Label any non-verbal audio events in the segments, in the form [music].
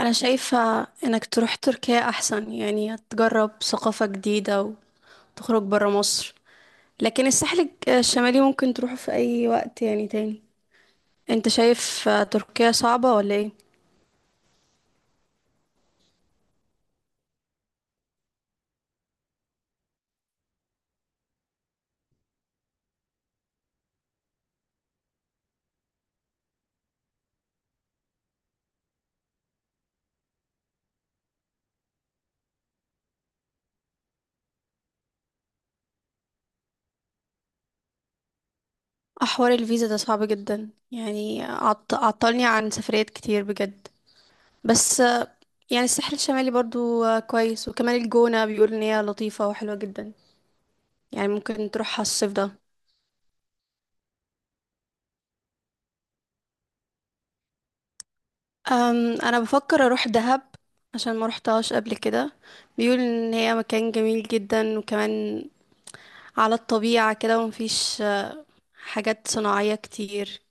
انا شايفة انك تروح تركيا احسن، يعني تجرب ثقافة جديدة وتخرج برا مصر. لكن الساحل الشمالي ممكن تروحه في اي وقت يعني تاني. انت شايف تركيا صعبة ولا ايه؟ احوار الفيزا ده صعب جدا يعني، عطلني عن سفريات كتير بجد. بس يعني الساحل الشمالي برضو كويس، وكمان الجونة بيقول ان هي لطيفة وحلوة جدا، يعني ممكن تروحها الصيف ده. انا بفكر اروح دهب عشان ما روحتهاش قبل كده. بيقول ان هي مكان جميل جدا، وكمان على الطبيعة كده ومفيش حاجات صناعية كتير،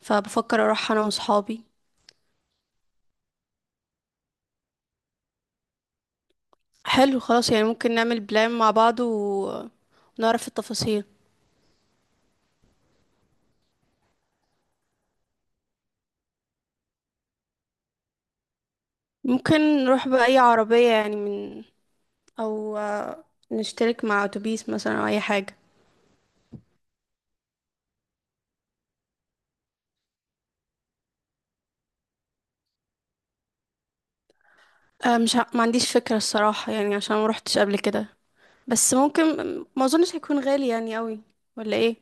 فبفكر اروح انا وصحابي. حلو خلاص، يعني ممكن نعمل بلان مع بعض ونعرف التفاصيل. ممكن نروح بأي عربية يعني، من او نشترك مع اتوبيس مثلا او اي حاجة. مش ما عنديش فكرة الصراحة يعني، عشان ما روحتش قبل كده. بس ممكن، ما اظنش هيكون غالي يعني قوي، ولا ايه؟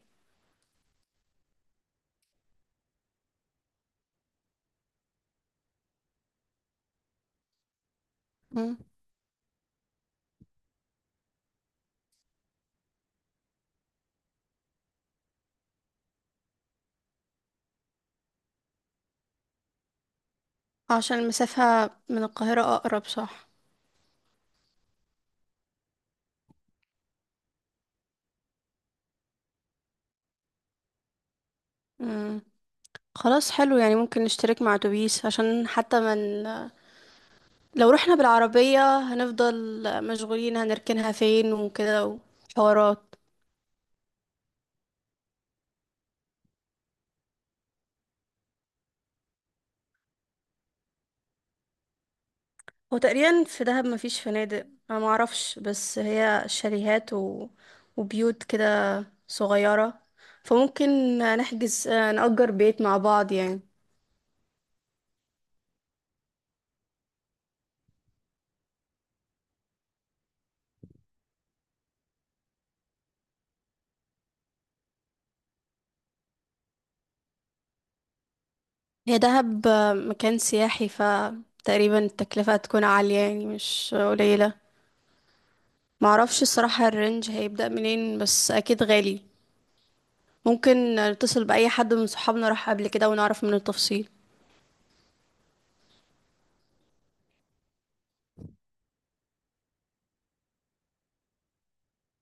مم. عشان المسافة من القاهرة اقرب، صح؟ مم. خلاص حلو، يعني ممكن نشترك مع اتوبيس، عشان حتى من، لو رحنا بالعربية هنفضل مشغولين هنركنها فين وكده وحوارات. هو تقريبا في دهب مفيش فنادق، انا معرفش، بس هي شاليهات وبيوت كده صغيرة، فممكن نحجز نأجر بيت مع بعض يعني. هي دهب مكان سياحي، فتقريبا التكلفة هتكون عالية يعني، مش قليلة. معرفش الصراحة الرينج هيبدأ منين، بس أكيد غالي. ممكن نتصل بأي حد من صحابنا راح قبل كده ونعرف منه التفصيل.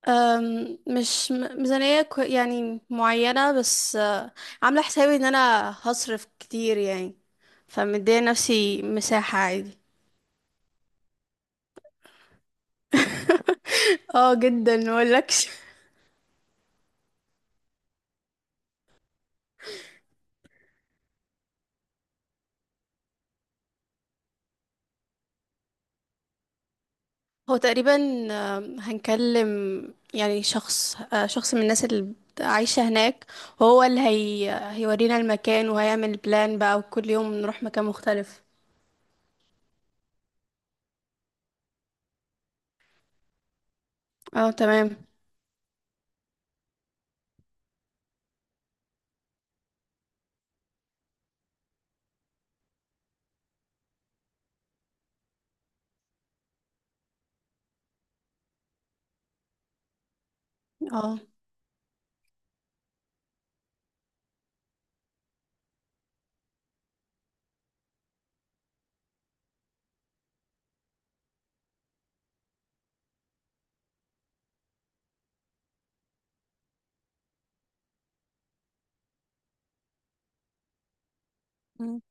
مش ميزانية يعني معينة، بس عاملة حسابي إن أنا هصرف كتير يعني، فمدية نفسي مساحة عادي. [laughs] اه جدا مقولكش. هو تقريبا هنكلم يعني شخص، شخص من الناس اللي عايشة هناك، هو اللي هي هيورينا المكان وهيعمل بلان بقى، وكل يوم نروح مكان مختلف. اه تمام. اه. مم.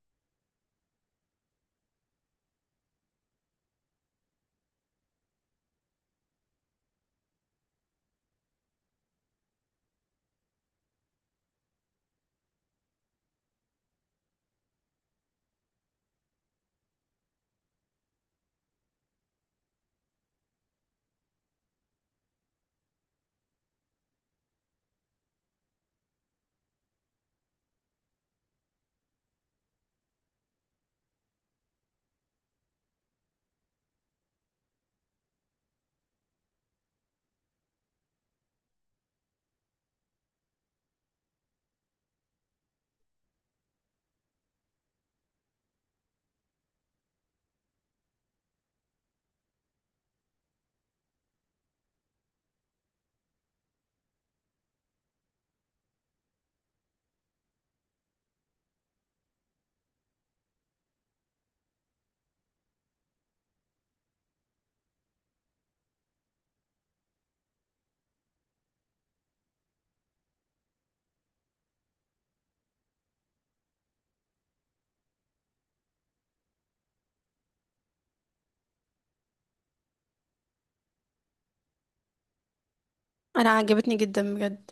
انا عجبتني جدا بجد،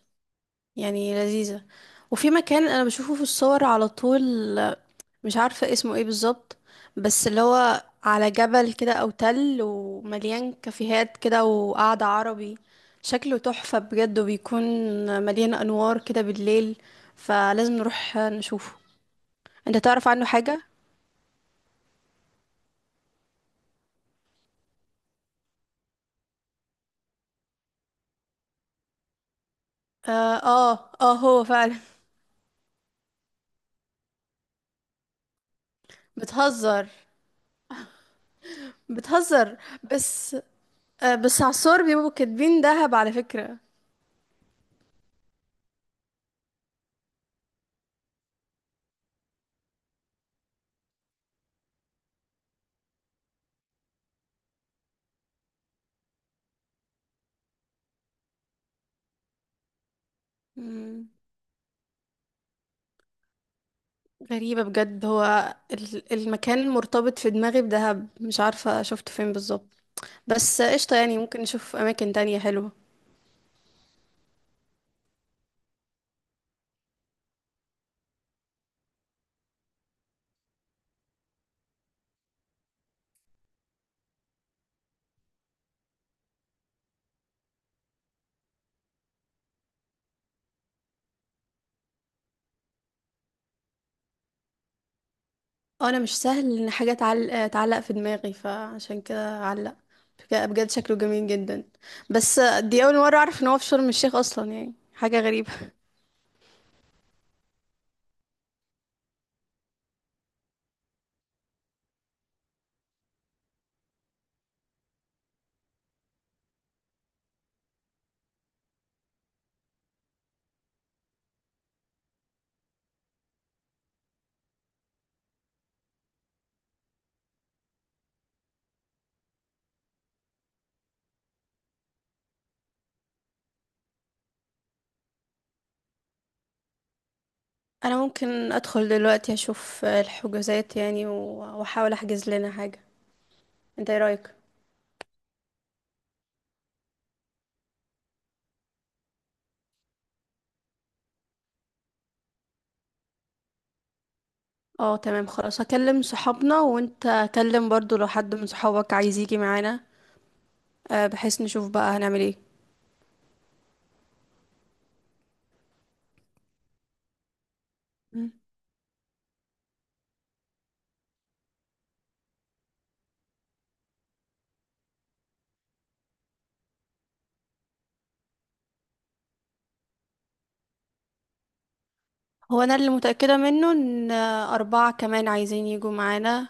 يعني لذيذة. وفي مكان انا بشوفه في الصور على طول، مش عارفة اسمه ايه بالظبط، بس اللي هو على جبل كده او تل، ومليان كافيهات كده وقعدة عربي، شكله تحفة بجد، وبيكون مليان انوار كده بالليل، فلازم نروح نشوفه. انت تعرف عنه حاجة؟ اه. اه, آه هو فعلا. [laughs] بتهزر، بتهزر. بس آه، بس على الصور بيبقوا كاتبين دهب على فكرة. مم. غريبة بجد، هو المكان مرتبط في دماغي بدهب، مش عارفة شفته فين بالظبط. بس قشطة، يعني ممكن نشوف أماكن تانية حلوة. أنا مش سهل إن حاجة تعلق، تعلق في دماغي، فعشان كده علق بجد بجد. شكله جميل جدا، بس دي أول مرة أعرف إن هو في شرم الشيخ أصلا، يعني حاجة غريبة. أنا ممكن أدخل دلوقتي أشوف الحجوزات يعني، وأحاول أحجز لنا حاجة. أنت إيه رأيك؟ اه تمام خلاص، هكلم صحابنا، وانت كلم برضو لو حد من صحابك عايز يجي معانا. بحيث نشوف بقى هنعمل ايه. مم. هو انا اللي متأكدة منه ان اربعة كمان عايزين يجوا معانا.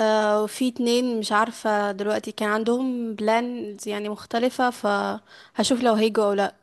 وفي اتنين مش عارفة دلوقتي كان عندهم بلانز يعني مختلفة، فهشوف لو هيجوا او لا.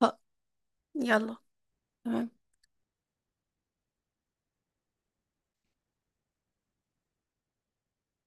ف- يلا، تمام.